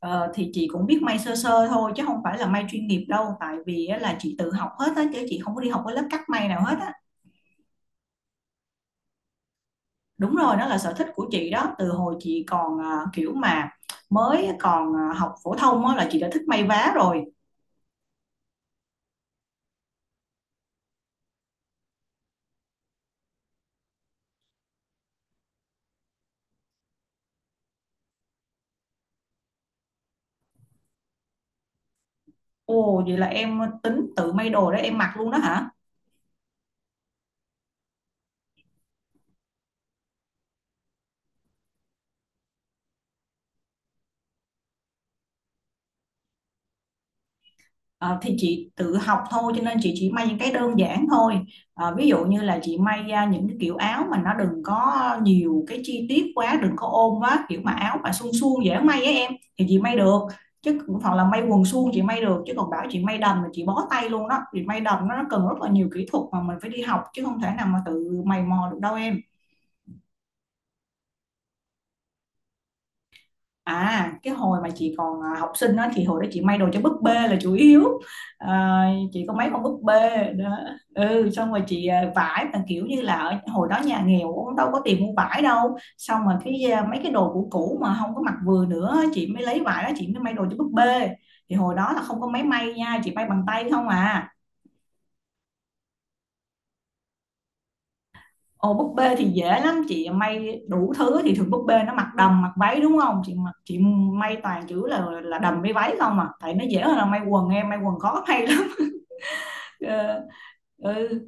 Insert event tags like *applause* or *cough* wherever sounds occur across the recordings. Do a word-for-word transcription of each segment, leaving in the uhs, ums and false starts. Ờ, thì chị cũng biết may sơ sơ thôi, chứ không phải là may chuyên nghiệp đâu, tại vì á, là chị tự học hết á, chứ chị không có đi học cái lớp cắt may nào hết á. Đúng rồi, đó là sở thích của chị đó, từ hồi chị còn à, kiểu mà mới còn à, học phổ thông á, là chị đã thích may vá rồi. Ồ, vậy là em tính tự may đồ để em mặc luôn đó hả? Ờ, thì chị tự học thôi, cho nên chị chỉ may những cái đơn giản thôi. Ờ, ví dụ như là chị may ra những cái kiểu áo mà nó đừng có nhiều cái chi tiết quá, đừng có ôm quá, kiểu mà áo mà suông suông dễ may á em, thì chị may được. Chứ hoặc là may quần suông chị may được, chứ còn bảo chị may đầm là chị bó tay luôn đó. Thì may đầm nó cần rất là nhiều kỹ thuật mà mình phải đi học, chứ không thể nào mà tự mày mò được đâu em. À, cái hồi mà chị còn à, học sinh đó, thì hồi đó chị may đồ cho búp bê là chủ yếu. À, chị có mấy con búp bê đó. Ừ, xong rồi chị à, vải mà kiểu như là ở hồi đó nhà nghèo cũng đâu có tiền mua vải đâu. Xong rồi cái à, mấy cái đồ cũ cũ mà không có mặc vừa nữa, chị mới lấy vải đó chị mới may đồ cho búp bê. Thì hồi đó là không có máy may nha, chị may bằng tay không à. Ồ, búp bê thì dễ lắm, chị may đủ thứ. Thì thường búp bê nó mặc đầm mặc váy đúng không, chị mặc chị may toàn chữ là là đầm với váy không à, tại nó dễ hơn là may quần em, may quần khó may lắm *laughs* Ờ, ừ,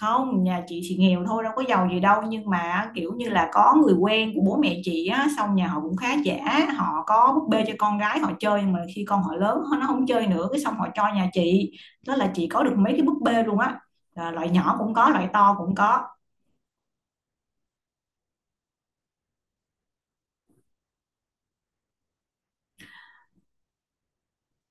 không, nhà chị thì nghèo thôi đâu có giàu gì đâu, nhưng mà kiểu như là có người quen của bố mẹ chị á, xong nhà họ cũng khá giả, họ có búp bê cho con gái họ chơi, nhưng mà khi con họ lớn nó không chơi nữa, cái xong họ cho nhà chị. Đó là chị có được mấy cái búp bê luôn á. Ờ, loại nhỏ cũng có, loại to cũng có.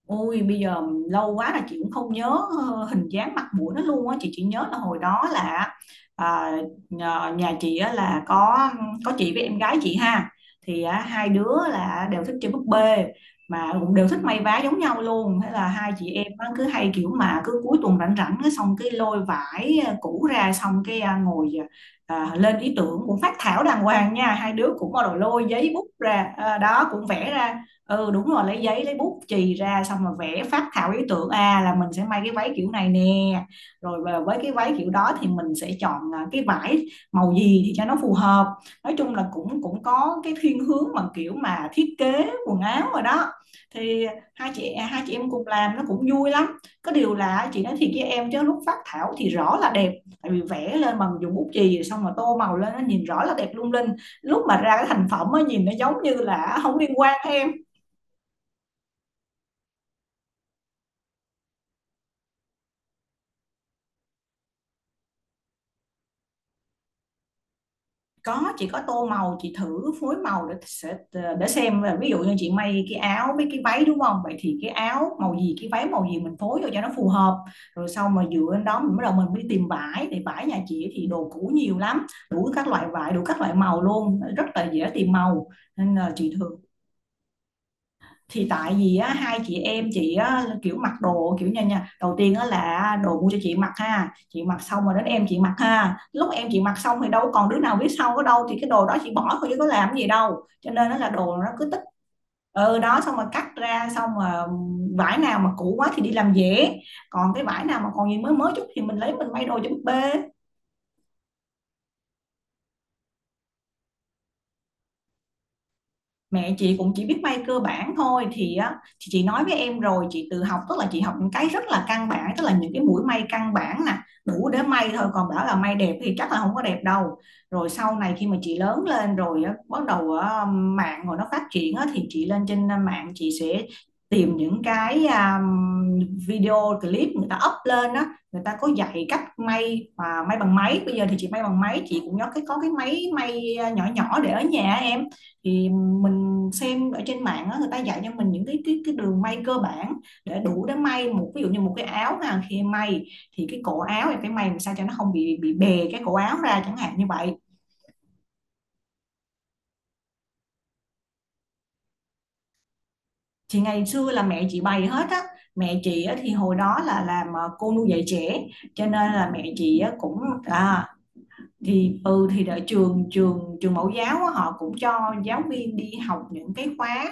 Ôi bây giờ lâu quá là chị cũng không nhớ ờ, hình dáng mặt mũi nó luôn á. Chị chỉ nhớ là hồi đó là à, nhà nhà chị á, là có có chị với em gái chị ha, thì á, hai đứa là đều thích chơi búp bê mà cũng đều thích may vá giống nhau luôn. Thế là hai chị em á, cứ hay kiểu mà cứ cuối tuần rảnh rảnh cái xong cái lôi vải à, cũ ra, xong cái à, ngồi ờ, à, lên ý tưởng, cũng phát thảo đàng hoàng nha, hai đứa cũng bắt đầu lôi giấy bút ra, à, đó cũng vẽ ra. Ừ đúng rồi, lấy giấy lấy bút chì ra xong rồi vẽ phác thảo ý tưởng, à là mình sẽ may cái váy kiểu này nè, rồi về với cái váy kiểu đó thì mình sẽ chọn à, cái vải màu gì thì cho nó phù hợp. Nói chung là cũng cũng có cái thiên hướng mà kiểu mà thiết kế quần áo rồi đó. Thì hai chị à, hai chị em cùng làm nó cũng vui lắm. Có điều là chị nói thiệt với em, chứ lúc phác thảo thì rõ là đẹp, tại vì vẽ lên bằng dùng bút chì xong rồi tô màu lên nó nhìn rõ là đẹp lung linh, lúc mà ra cái thành phẩm á nhìn nó giống như là không liên quan. Hay có, chị có tô màu, chị thử phối màu để sẽ ờ, để xem là ví dụ như chị may cái áo với cái váy đúng không, vậy thì cái áo màu gì cái váy màu gì mình phối vô cho nó phù hợp. Rồi sau mà dựa lên đó mình bắt đầu mình đi tìm vải. Thì vải nhà chị thì đồ cũ nhiều lắm, đủ các loại vải, đủ các loại màu luôn, rất là dễ tìm màu, nên là chị thường. Thì tại vì á, hai chị em chị á, kiểu mặc đồ kiểu như nha, đầu tiên á, là đồ mua cho chị mặc ha, chị mặc xong rồi đến em chị mặc ha, lúc em chị mặc xong thì đâu còn đứa nào biết sau ở đâu, thì cái đồ đó chị bỏ thôi chứ có làm gì đâu, cho nên nó là đồ nó cứ tích. Ừ đó, xong rồi cắt ra, xong rồi vải nào mà cũ quá thì đi làm dễ, còn cái vải nào mà còn gì mới mới chút thì mình lấy mình may đồ cho búp bê. Mẹ chị cũng chỉ biết may cơ bản thôi. Thì á, thì chị nói với em rồi, chị tự học tức là chị học những cái rất là căn bản, tức là những cái mũi may căn bản nè, đủ để may thôi, còn bảo là may đẹp thì chắc là không có đẹp đâu. Rồi sau này khi mà chị lớn lên rồi á, bắt đầu á, mạng rồi nó phát triển á, thì chị lên trên mạng chị sẽ tìm những cái à, video clip người ta up lên á, người ta có dạy cách may và may bằng máy. Bây giờ thì chị may bằng máy, chị cũng có cái có cái máy may ờ, nhỏ nhỏ để ở nhà em. Thì mình xem ở trên mạng á, người ta dạy cho mình những cái cái cái đường may cơ bản để đủ để may một, ví dụ như một cái áo ha, khi may thì cái cổ áo thì phải may làm sao cho nó không bị bị bè cái cổ áo ra chẳng hạn như vậy. Thì ngày xưa là mẹ chị bày hết á. Mẹ chị á, thì hồi đó là làm ờ, cô nuôi dạy trẻ, cho nên là mẹ chị á, cũng à, thì ừ, thì ở trường trường trường mẫu giáo á, họ cũng cho giáo viên đi học những cái khóa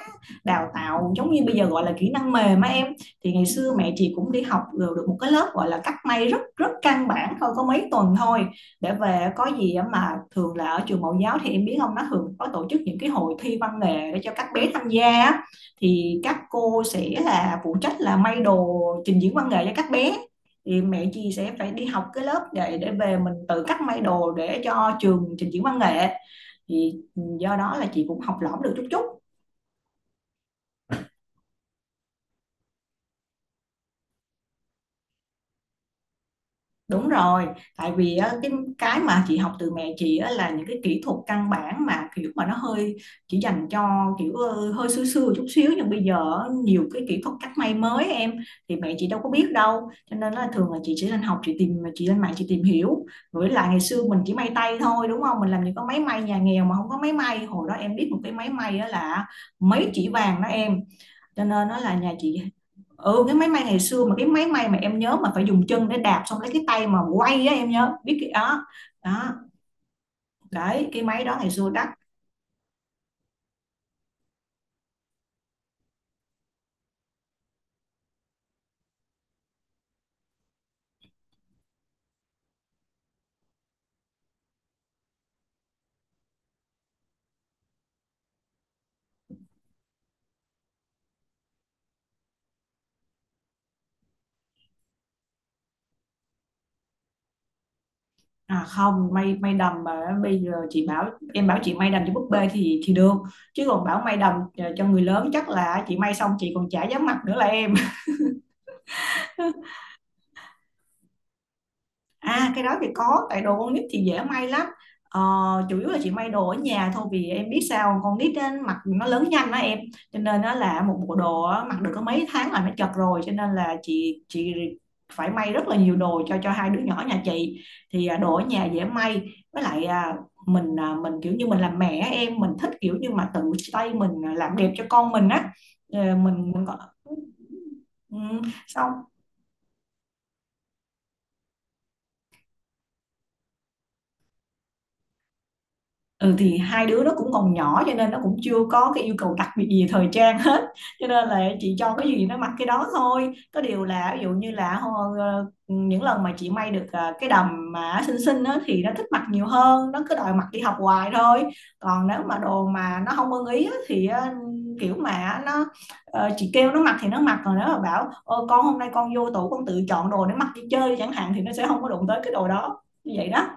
đào tạo giống như bây giờ gọi là kỹ năng mềm á em. Thì ngày xưa mẹ chị cũng đi học được được một cái lớp gọi là cắt may rất rất căn bản thôi, có mấy tuần thôi, để về có gì á. Mà thường là ở trường mẫu giáo thì em biết không, nó thường có tổ chức những cái hội thi văn nghệ để cho các bé tham gia á. Thì các cô sẽ là phụ trách là may đồ trình diễn văn nghệ cho các bé. Thì mẹ chị sẽ phải đi học cái lớp để để về mình tự cắt may đồ để cho trường trình diễn văn nghệ. Thì do đó là chị cũng học lỏm được chút chút. Đúng rồi, tại vì á, cái cái mà chị học từ mẹ chị á, là những cái kỹ thuật căn bản mà kiểu mà nó hơi chỉ dành cho kiểu ờ, hơi xưa xưa chút xíu, nhưng bây giờ á, nhiều cái kỹ thuật cắt may mới em, thì mẹ chị đâu có biết đâu, cho nên là thường là chị chỉ lên học, chị tìm chị lên mạng chị tìm hiểu. Với lại ngày xưa mình chỉ may tay thôi đúng không, mình làm những cái máy may, nhà nghèo mà không có máy may. Hồi đó em biết một cái máy may á là mấy chỉ vàng đó em, cho nên nó là nhà chị. Ừ, cái máy may ngày xưa, mà cái máy may mà em nhớ mà phải dùng chân để đạp xong lấy cái tay mà quay á, em nhớ biết cái đó đó. Đấy, cái máy đó ngày xưa đắt. À không, may may đầm mà bây giờ chị bảo, em bảo chị may đầm cho búp bê thì thì được, chứ còn bảo may đầm cho cho người lớn chắc là chị may xong chị còn chả dám mặc nữa là em. À cái đó thì có, tại đồ con nít thì dễ may lắm. Ờ, chủ yếu là chị may đồ ở nhà thôi, vì em biết sao, con nít á, mặc nó lớn nhanh đó em, cho nên nó là một bộ đồ á, mặc được có mấy tháng là nó chật rồi, cho nên là chị chị phải may rất là nhiều đồ cho cho hai đứa nhỏ nhà chị. Thì à, đồ ở nhà dễ may. Với lại à, mình à, mình kiểu như mình làm mẹ á em, mình thích kiểu như mà tự tay mình à, làm đẹp cho con mình á. Ờ, mình mình có ừ, xong. Ừ. Thì hai đứa nó cũng còn nhỏ cho nên nó cũng chưa có cái yêu cầu đặc biệt gì về thời trang hết. Cho nên là chị cho cái gì nó mặc cái đó thôi, có điều là ví dụ như là ho- ờ, những lần mà chị may được ờ, cái đầm mà xinh xinh á thì nó thích mặc nhiều hơn, nó cứ đòi mặc đi học hoài thôi. Còn nếu mà đồ mà nó không ưng ý á, thì ờ, kiểu mà nó ờ, chị kêu nó mặc thì nó mặc, còn nếu mà bảo ôi, con hôm nay con vô tủ con tự chọn đồ để mặc đi chơi chẳng hạn thì nó sẽ không có đụng tới cái đồ đó, như vậy đó.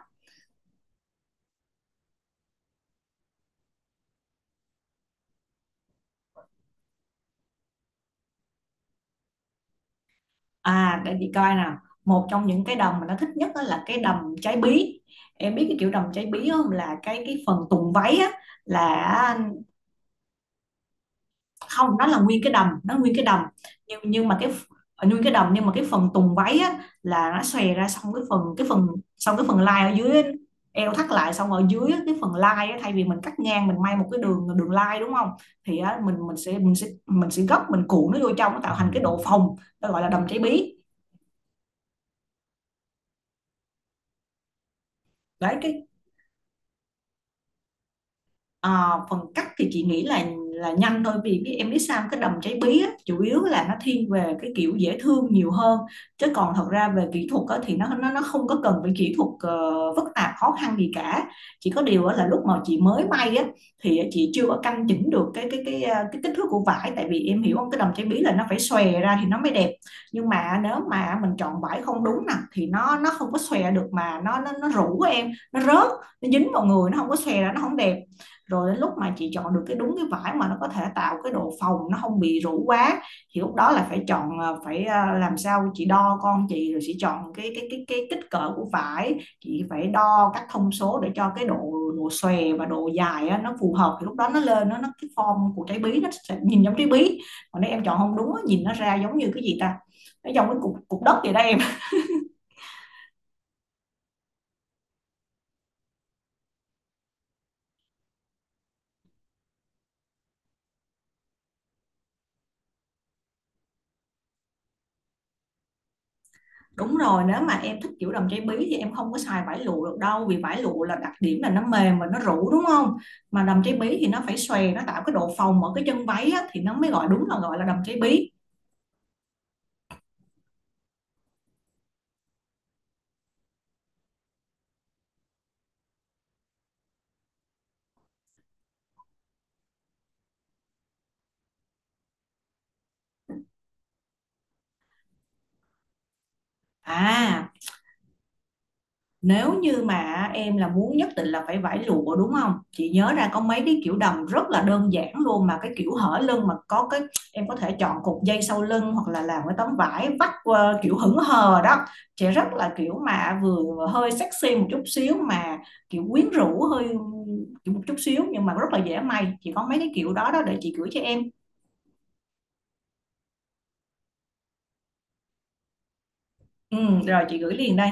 À, để chị coi nào. Một trong những cái đầm mà nó thích nhất á là cái đầm trái bí. Em biết cái kiểu đầm trái bí không, là cái cái phần tùng váy á là không, nó là nguyên cái đầm, nó nguyên cái đầm, nhưng nhưng mà cái ph- à, nguyên cái đầm nhưng mà cái phần tùng váy á là nó xòe ra, xong cái phần cái phần xong cái phần lai ở dưới á, eo thắt lại, xong ở dưới á, cái phần lai á, thay vì mình cắt ngang mình may một cái đường đường lai đúng không, thì á, mình mình sẽ mình sẽ mình sẽ gấp, mình cuộn nó vô trong, nó tạo thành cái độ phồng. Nó gọi là đầm trái bí. Đấy cái Ờ, phần cắt thì chị nghĩ là là nhanh thôi, vì biết em biết sao, cái đầm cháy bí á, chủ yếu là nó thiên về cái kiểu dễ thương nhiều hơn, chứ còn thật ra về kỹ thuật á, thì nó nó nó không có cần phải kỹ thuật ờ, phức tạp khó khăn gì cả. Chỉ có điều á, là lúc mà chị mới may á, thì chị chưa có căn chỉnh được cái cái cái ờ, cái kích thước của vải, tại vì em hiểu không, cái đầm cháy bí là nó phải xòe ra thì nó mới đẹp. Nhưng mà nếu mà mình chọn vải không đúng nè thì nó nó không có xòe được, mà nó nó nó rũ em, nó rớt, nó dính vào người, nó không có xòe ra, nó không đẹp. Rồi đến lúc mà chị chọn được cái đúng cái vải mà nó có thể tạo cái độ phồng, nó không bị rũ quá, thì lúc đó là phải chọn ờ, phải ờ, làm sao chị đo con chị, rồi chị chọn cái cái cái cái kích cỡ của vải. Chị phải đo các thông số để cho cái độ, độ xòe và độ dài á, nó phù hợp, thì lúc đó nó lên nó nó cái form của trái bí nó sẽ nhìn giống trái bí. Còn nếu em chọn không đúng nhìn nó ra giống như cái gì ta, nó giống cái cục cục đất vậy đây em. Đúng rồi, nếu mà em thích kiểu đầm cháy bí thì em không có xài vải lụa được đâu, vì vải lụa là đặc điểm là nó mềm và nó rũ đúng không? Mà đầm cháy bí thì nó phải xòe, nó tạo cái độ phồng ở cái chân váy á, thì nó mới gọi đúng là gọi là đầm cháy bí. À, nếu như mà em là muốn nhất định là phải vải lụa đúng không? Chị nhớ ra có mấy cái kiểu đầm rất là đơn giản luôn, mà cái kiểu hở lưng mà có cái em có thể chọn cục dây sau lưng, hoặc là làm cái tấm vải vắt qua kiểu hững hờ đó. Chị rất là kiểu mà vừa hơi sexy một chút xíu, mà kiểu quyến rũ hơi kiểu một chút xíu, nhưng mà rất là dễ may. Chị có mấy cái kiểu đó đó để chị gửi cho em. Ừ, rồi chị gửi liền đây.